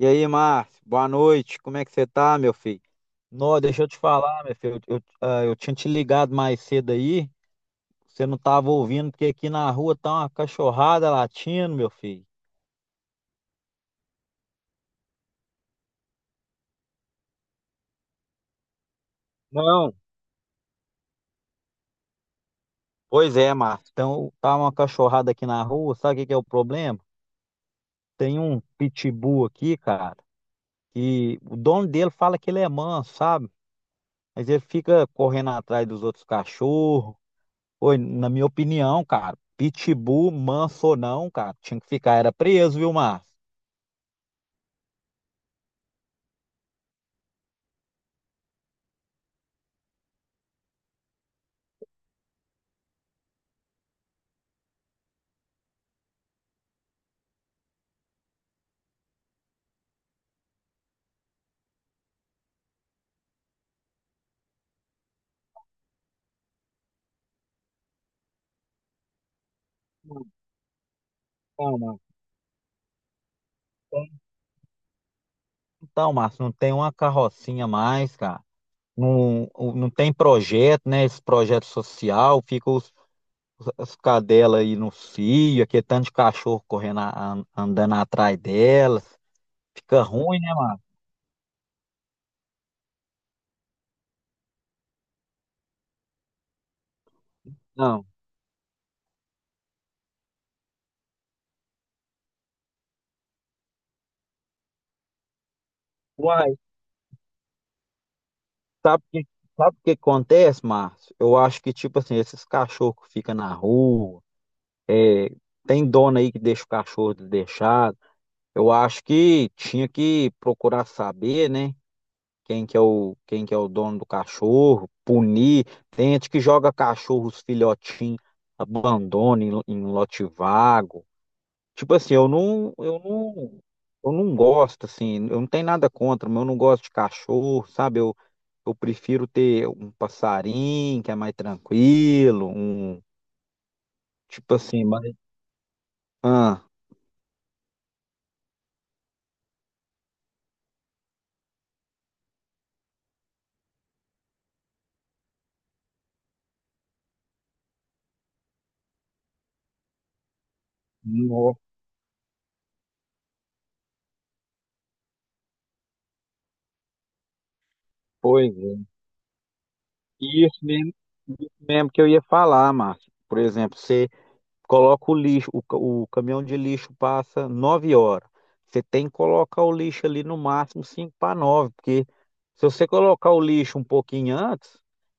E aí, Márcio, boa noite. Como é que você tá, meu filho? Não, deixa eu te falar, meu filho. Eu tinha te ligado mais cedo aí, você não tava ouvindo, porque aqui na rua tá uma cachorrada latindo, meu filho. Não, pois é, Márcio. Então, tá uma cachorrada aqui na rua, sabe o que que é o problema? Tem um pitbull aqui, cara, que o dono dele fala que ele é manso, sabe? Mas ele fica correndo atrás dos outros cachorros. Oi, na minha opinião, cara, pitbull, manso ou não, cara, tinha que ficar, era preso, viu, Márcio? Não, não. Então, Márcio, não tem uma carrocinha mais, cara. Não, não tem projeto, né? Esse projeto social, fica os, as cadelas aí no cio, aquele tanto de cachorro correndo, andando atrás delas. Fica ruim, né, Márcio? Não. Uai, sabe o que, sabe o que acontece, Márcio? Eu acho que, tipo assim, esses cachorros que ficam na rua, é, tem dono aí que deixa o cachorro deixado. Eu acho que tinha que procurar saber, né? Quem que é o dono do cachorro, punir. Tem gente que joga cachorros filhotinhos, abandona em lote vago. Tipo assim, eu não gosto, assim, eu não tenho nada contra, mas eu não gosto de cachorro, sabe? Eu prefiro ter um passarinho que é mais tranquilo, um, tipo assim, mais. Ah, pois é. E isso mesmo, isso mesmo que eu ia falar, Márcio. Por exemplo, você coloca o lixo, o caminhão de lixo passa 9 horas. Você tem que colocar o lixo ali no máximo 5 para as 9 porque se você colocar o lixo um pouquinho antes,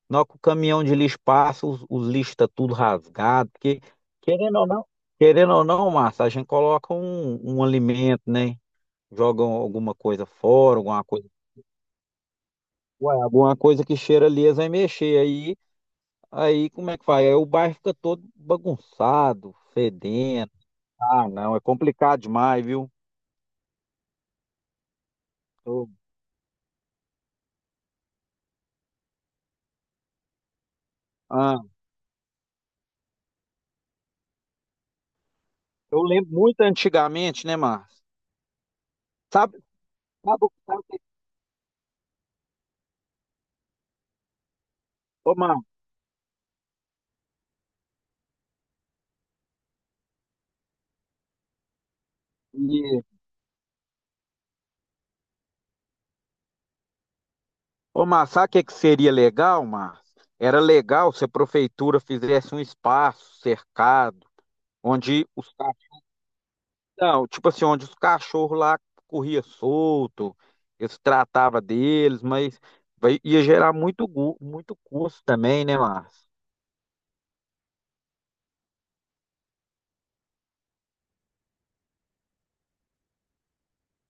na hora que o caminhão de lixo passa, os lixos estão tudo rasgado, porque querendo ou não, querendo ou não, Márcio, a gente coloca um alimento, né? Joga alguma coisa fora, alguma coisa, ué, alguma coisa que cheira ali, eles vai mexer. Aí como é que faz? Aí o bairro fica todo bagunçado, fedendo. Ah, não, é complicado demais, viu? Eu, ah, eu lembro muito antigamente, né, Márcio? Sabe, sabe, o- sabe, o que- ô, Márcio, e- ô, Márcio, sabe o que que seria legal, Márcio? Era legal se a prefeitura fizesse um espaço cercado, onde os cachorros, tipo assim, onde os cachorros lá corriam solto, eles tratava deles, mas ia gerar muito custo também, né, Márcio?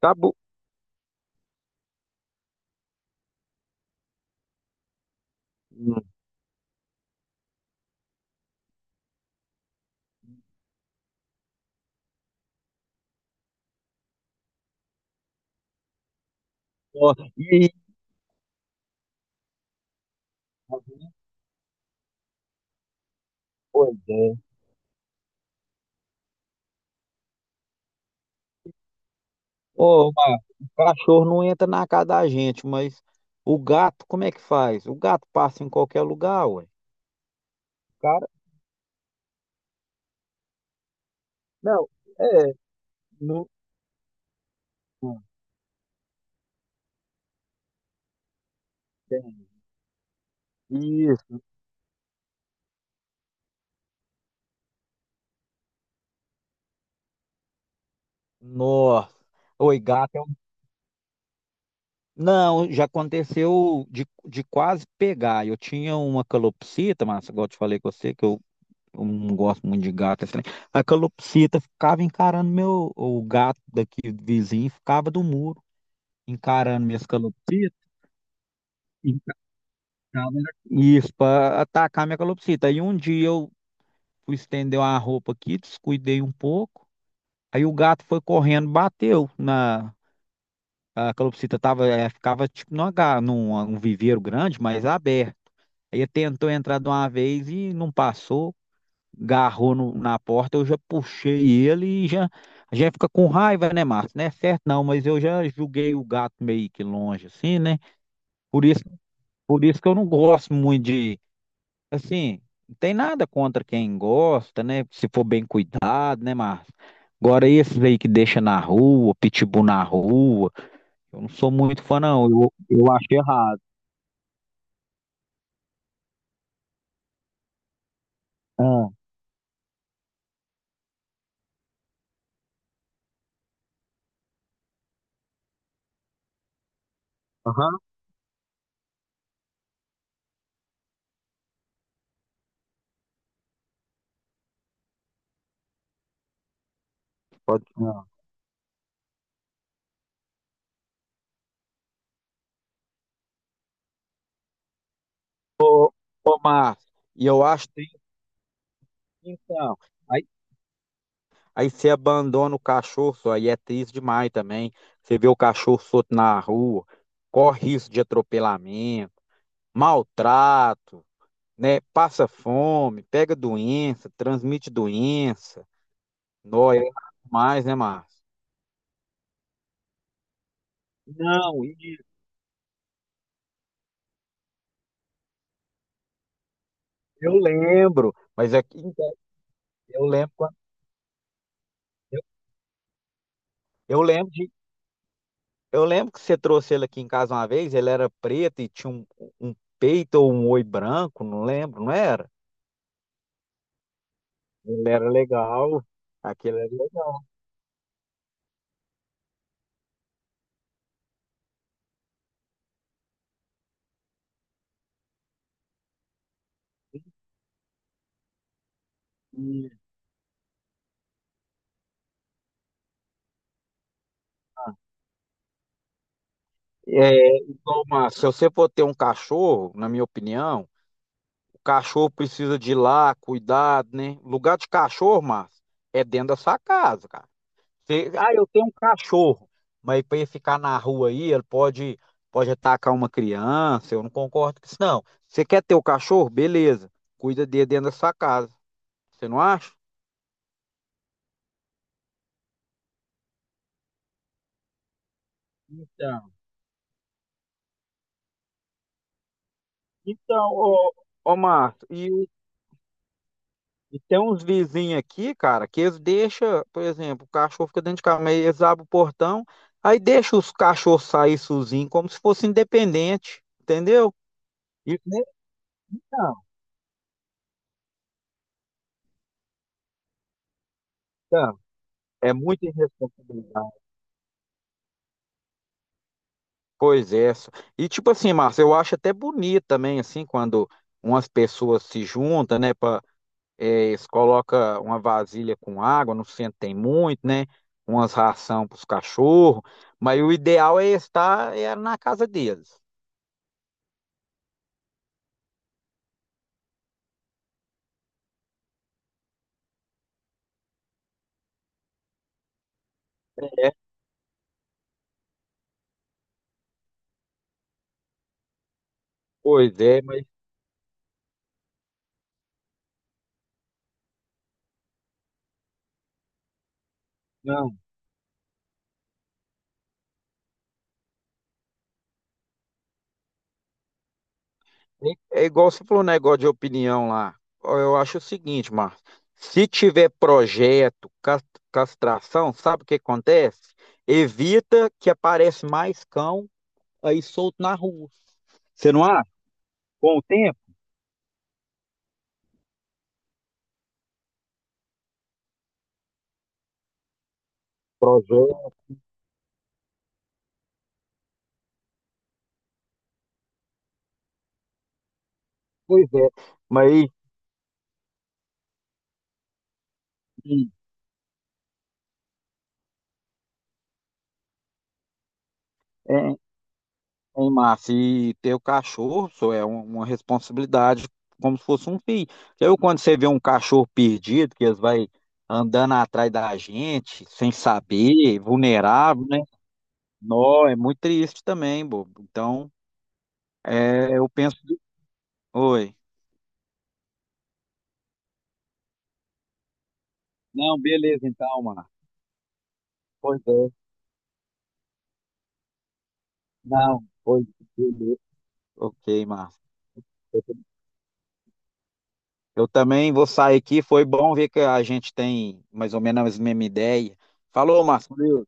Tá bom. Ó, e aí? Pois é. Ô, Marcos, o cachorro não entra na casa da gente, mas o gato, como é que faz? O gato passa em qualquer lugar, ué. O Cara, não, é, não, não tem. Isso. Nossa. Oi, gato é um... Não, já aconteceu de quase pegar. Eu tinha uma calopsita, mas igual eu te falei com você, que eu não gosto muito de gato. Assim. A calopsita ficava encarando meu, o gato daqui vizinho, ficava do muro. Encarando minhas calopsitas, encarava isso, para atacar minha calopsita. Aí um dia eu fui estender uma roupa aqui, descuidei um pouco, aí o gato foi correndo, bateu na... A calopsita tava, ficava tipo num viveiro grande, mas aberto. Aí ele tentou entrar de uma vez e não passou, garrou na porta, eu já puxei ele e já... A gente fica com raiva, né, Márcio? Não é certo não, mas eu já julguei o gato meio que longe, assim, né? Por isso Por isso que eu não gosto muito de, assim, não tem nada contra quem gosta, né? Se for bem cuidado, né, Márcio? Agora esses aí que deixa na rua, pitbull na rua, eu não sou muito fã, não. Eu acho errado. Ah, aham, pode. Ah. Ô, ô, Márcio, e eu acho triste, então. Aí, aí você abandona o cachorro, só, aí é triste demais também. Você vê o cachorro solto na rua, corre risco de atropelamento, maltrato, né? Passa fome, pega doença, transmite doença. Nó, é mais, né, Márcio? Não, isso, eu lembro, mas aqui em casa, eu lembro, quando- eu lembro de, eu lembro que você trouxe ele aqui em casa uma vez, ele era preto e tinha um peito ou um oi branco, não lembro, não era? Ele era legal, aquele era legal. E, Igual, Márcio, se você for ter um cachorro, na minha opinião, cachorro precisa de ir lá, cuidado, né? Lugar de cachorro, Márcio, é dentro da sua casa, cara. Eu tenho um cachorro, mas para ele ficar na rua aí, ele pode atacar uma criança. Eu não concordo com isso, não. Você quer ter o cachorro? Beleza. Cuida dele dentro da sua casa. Você não acha? Então, então, ô, Márcio. E tem uns vizinhos aqui, cara, que eles deixam, por exemplo, o cachorro fica dentro de casa, mas eles abrem o portão, aí deixa os cachorros sair sozinhos, como se fosse independente, entendeu? Isso nem Não, não. É muita irresponsabilidade. Pois é. E tipo assim, Márcio, eu acho até bonito também, assim, quando umas pessoas se juntam, né, para eles coloca uma vasilha com água, no centro tem muito, né, umas ração para os cachorros, mas o ideal é estar na casa deles. Pois é, mas não. É igual você falou um negócio de opinião lá. Ó, eu acho o seguinte, Márcio. Se tiver projeto, castração, sabe o que acontece? Evita que aparece mais cão aí solto na rua. Você não acha? Com o tempo? Projeto, pois é. Mas, Hein, Márcio, e ter o cachorro só é uma responsabilidade como se fosse um filho. Eu, quando você vê um cachorro perdido, que eles vai andando atrás da gente, sem saber, vulnerável, né? Nó, é muito triste também, bobo. Então, é, eu penso. Oi. Não, beleza, então, Márcio. Pois é. Não, pois beleza. Ok, Márcio. Eu também vou sair aqui. Foi bom ver que a gente tem mais ou menos a mesma ideia. Falou, Márcio.